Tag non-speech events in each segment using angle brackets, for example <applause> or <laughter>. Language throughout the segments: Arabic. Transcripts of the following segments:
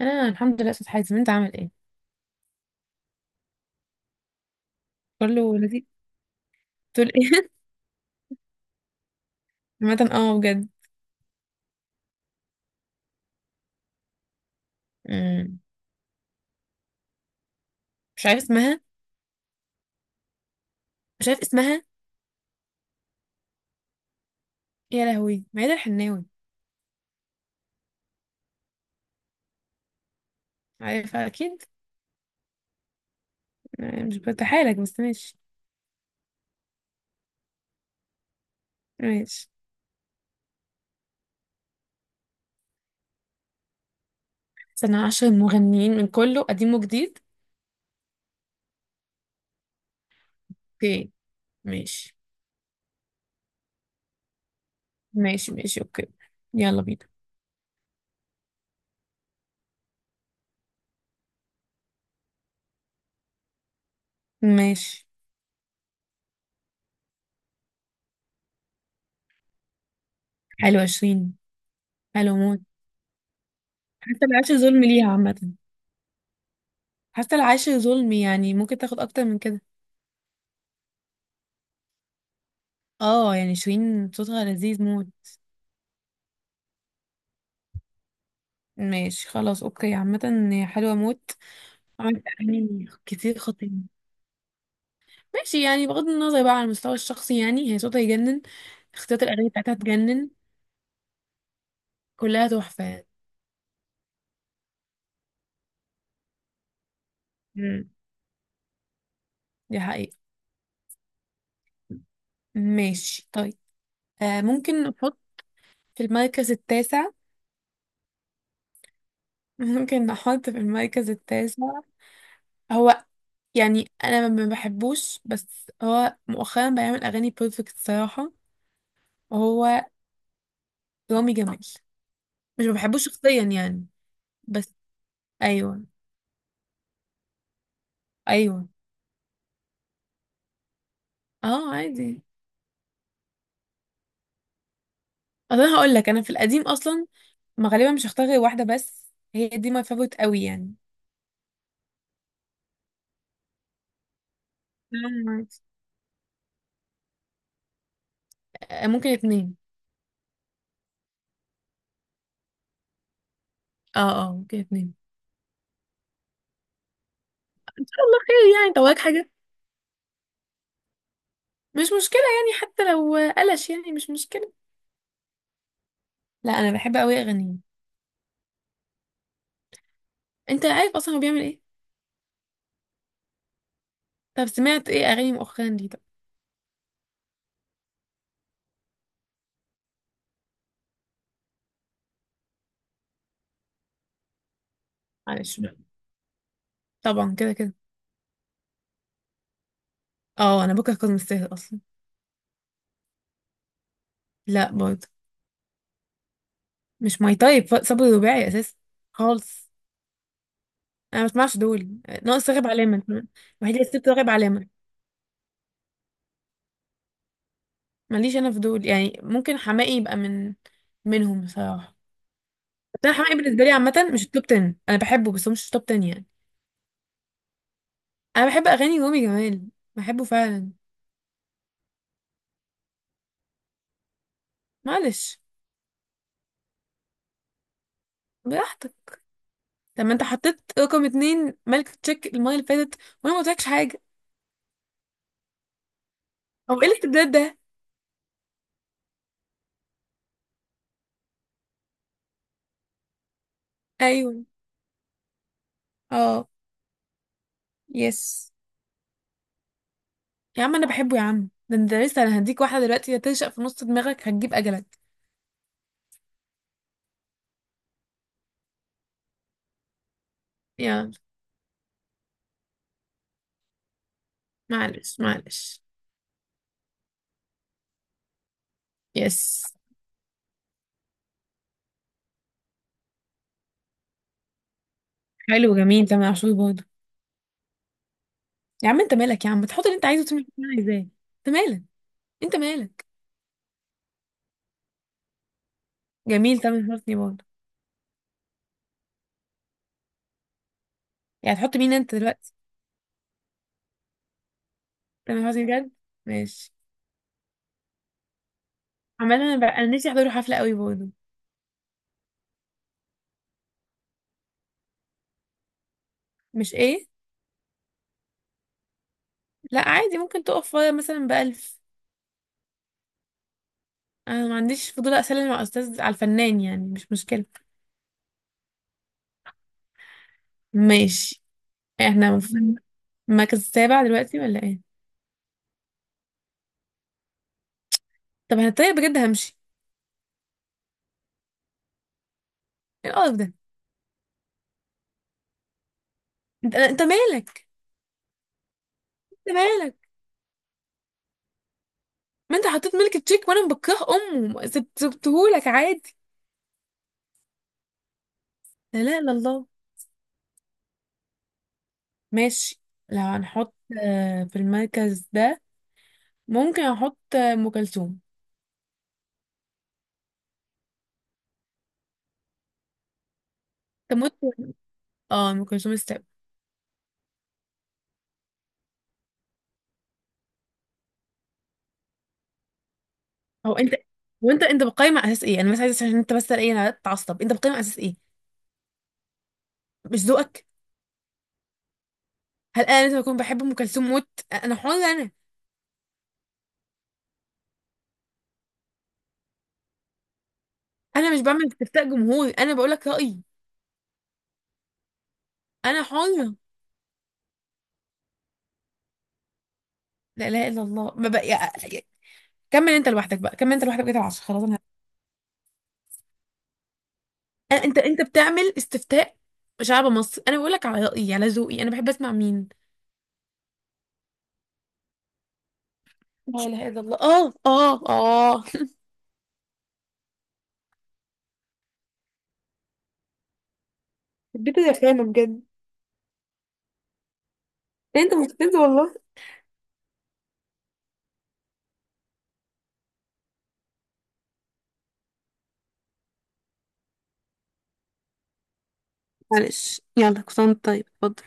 انا الحمد لله استاذ حازم، انت عامل ايه؟ كله لذيذ. تقول ايه؟ <laughs> عامه اه بجد. أمم. مش عارف اسمها. مش عارف اسمها. يا لهوي ميادة الحناوي. عارفها اكيد. مش بتحالك بس ماشي. ماشي سنة عشر مغنيين من كله قديم وجديد. اوكي. ماشي ماشي ماشي اوكي. يلا بينا. ماشي. حلو عشرين. حلو موت. حتى العاشر ظلم ليها عامة. حتى العاشر ظلم، يعني ممكن تاخد اكتر من كده. اه يعني شيرين صوتها لذيذ موت. ماشي خلاص اوكي، عامة هي حلوة موت. عملت اغاني كتير خطيرة. ماشي، يعني بغض النظر بقى على المستوى الشخصي، يعني هي صوتها يجنن. اختيارات الاغاني بتاعتها تجنن. كلها تحفة يعني. امم دي حقيقة. ماشي طيب. آه ممكن نحط في المركز التاسع. <laughs> ممكن نحط في المركز التاسع. هو يعني انا ما بحبوش، بس هو مؤخرا بيعمل اغاني بيرفكت صراحة. وهو رامي جمال. مش ما بحبوش شخصيا يعني، بس. ايوه. ايوه اه عادي. اصل انا هقول لك، انا في القديم اصلا ما غالبا مش هختار غير واحده بس. هي دي ماي فافورت قوي يعني. نعم، عادي. ممكن اتنين. اه اه ممكن اتنين. ان شاء الله خير يعني، طب وراك حاجه؟ مش مشكله يعني، حتى لو قلش يعني مش مشكله. لا انا بحب قوي اغانيه. انت عارف اصلا هو بيعمل ايه. طب سمعت ايه اغاني مؤخرا دي طب؟ معلش بقى. طبعا كده كده. اه انا بكره كاظم الساهر اصلا. لا برضه. مش ماي تايب، صبري رباعي اساسا خالص. انا ما بسمعش دول. ناقص راغب علامه، الوحيد اللي سبت راغب علامه. ماليش انا فضول، يعني ممكن حماقي يبقى منهم بصراحه. بس انا حماقي بالنسبه لي عامه مش توب 10، انا بحبه بس هو مش توب 10 يعني. انا بحب اغاني رامي جمال، بحبه فعلا. معلش. براحتك. طب ما انت حطيت رقم اتنين ملك تشيك المره اللي فاتت، وانا ما قلتلكش حاجه. هو ايه الاستبداد ده؟ ايوه اه. يس. يا عم انا بحبه يا عم، ده انت لسه، انا هديك واحده دلوقتي هتنشأ في نص دماغك هتجيب اجلك. يلا. معلش معلش. يس. حلو جميل تمام، عاشور برضه. يا عم انت مالك يا عم، تحط اللي انت عايزه وتعمل اللي انا عايزاه. انت مالك. انت مالك. جميل، تامر حسني برضه. يعني تحط مين انت دلوقتي؟ تامر حسني بجد. ماشي. عمال انا بقى، انا نفسي احضر حفله قوي برضه. مش ايه. لا عادي، ممكن تقف فاضية مثلا بألف. انا ما عنديش فضول اسلم مع استاذ على الفنان، يعني مش مشكله. ماشي. احنا المفروض المركز السابع دلوقتي ولا ايه؟ طب انا طيب بجد همشي. ايه القرف ده؟ انت مالك. انت مالك. ما انت حطيت ملك تشيك وانا بكره امه، سبتهولك عادي. لا لا لا الله. ماشي. لو هنحط في المركز ده ممكن احط ام كلثوم تموت. اه ام كلثوم استقبل. هو انت، وانت بتقيم على اساس ايه؟ انا بس عايزه عشان انت بس ايه، انا اتعصب. انت بتقيم على اساس ايه؟ مش ذوقك؟ هل انا لازم اكون بحب ام كلثوم موت؟ انا حره انا. انا مش بعمل استفتاء جمهوري، انا بقول لك رايي. انا حره. لا اله الا الله. ما بقى كمل انت لوحدك بقى، كمل انت لوحدك بقيت العشرة، خلاص انا. انت بتعمل استفتاء شعب مصر؟ انا بقول لك على رايي على ذوقي انا بحب اسمع مين. لا اله الا الله. اه اه اه البيت ده خانة بجد. إيه انت مستفز والله. معلش يلا كنت طيب اتفضل.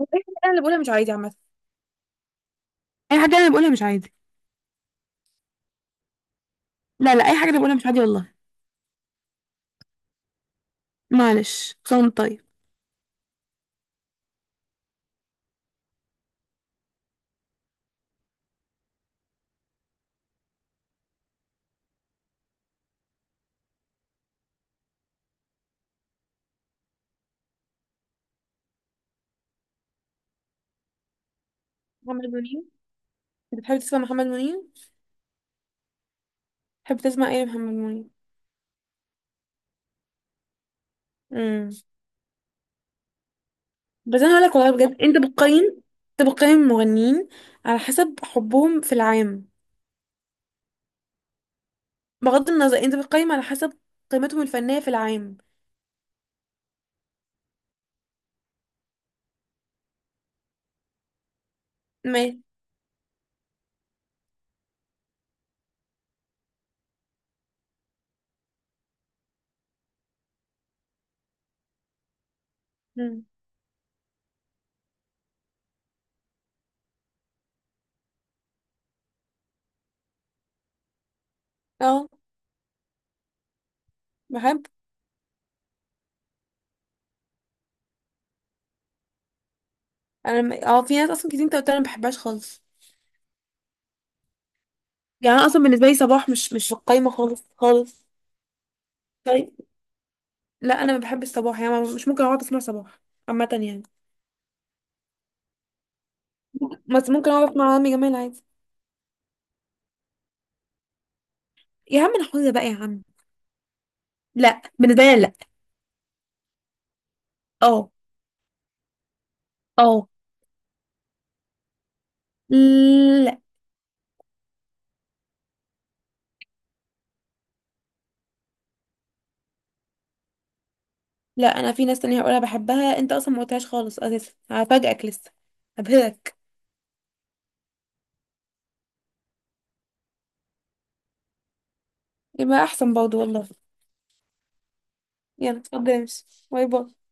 هو اي حاجة انا اللي بقولها مش عادي عامة؟ اي حاجه انا بقولها مش عادي. لا لا اي حاجه انا بقولها مش عادي والله. معلش كنت طيب. محمد منير. انت بتحب تسمع محمد منير؟ بتحب تسمع ايه يا محمد منير؟ امم بس انا هقولك والله بجد، انت بتقيم. انت بتقيم المغنيين على حسب حبهم في العام، بغض النظر. انت بتقيم على حسب قيمتهم الفنية في العام. ما. امم اه بحب. اه في ناس اصلا كتير انت قلت انا ما بحبهاش خالص. يعني انا اصلا بالنسبه لي صباح مش في القايمه خالص خالص. طيب. لا انا ما بحب الصباح، يعني مش ممكن اقعد اسمع صباح عامه يعني. بس ممكن اقعد اسمع عمي جمال عادي. يا عم انا حافظه بقى يا عم. لا بالنسبه لي لا. اه. اه. لا لا انا في ناس تانية هقولها بحبها، انت اصلا ما قلتهاش خالص اساسا، هفاجئك لسه، هبهرك. يبقى احسن برضه والله. يلا اتفضل امشي. باي باي.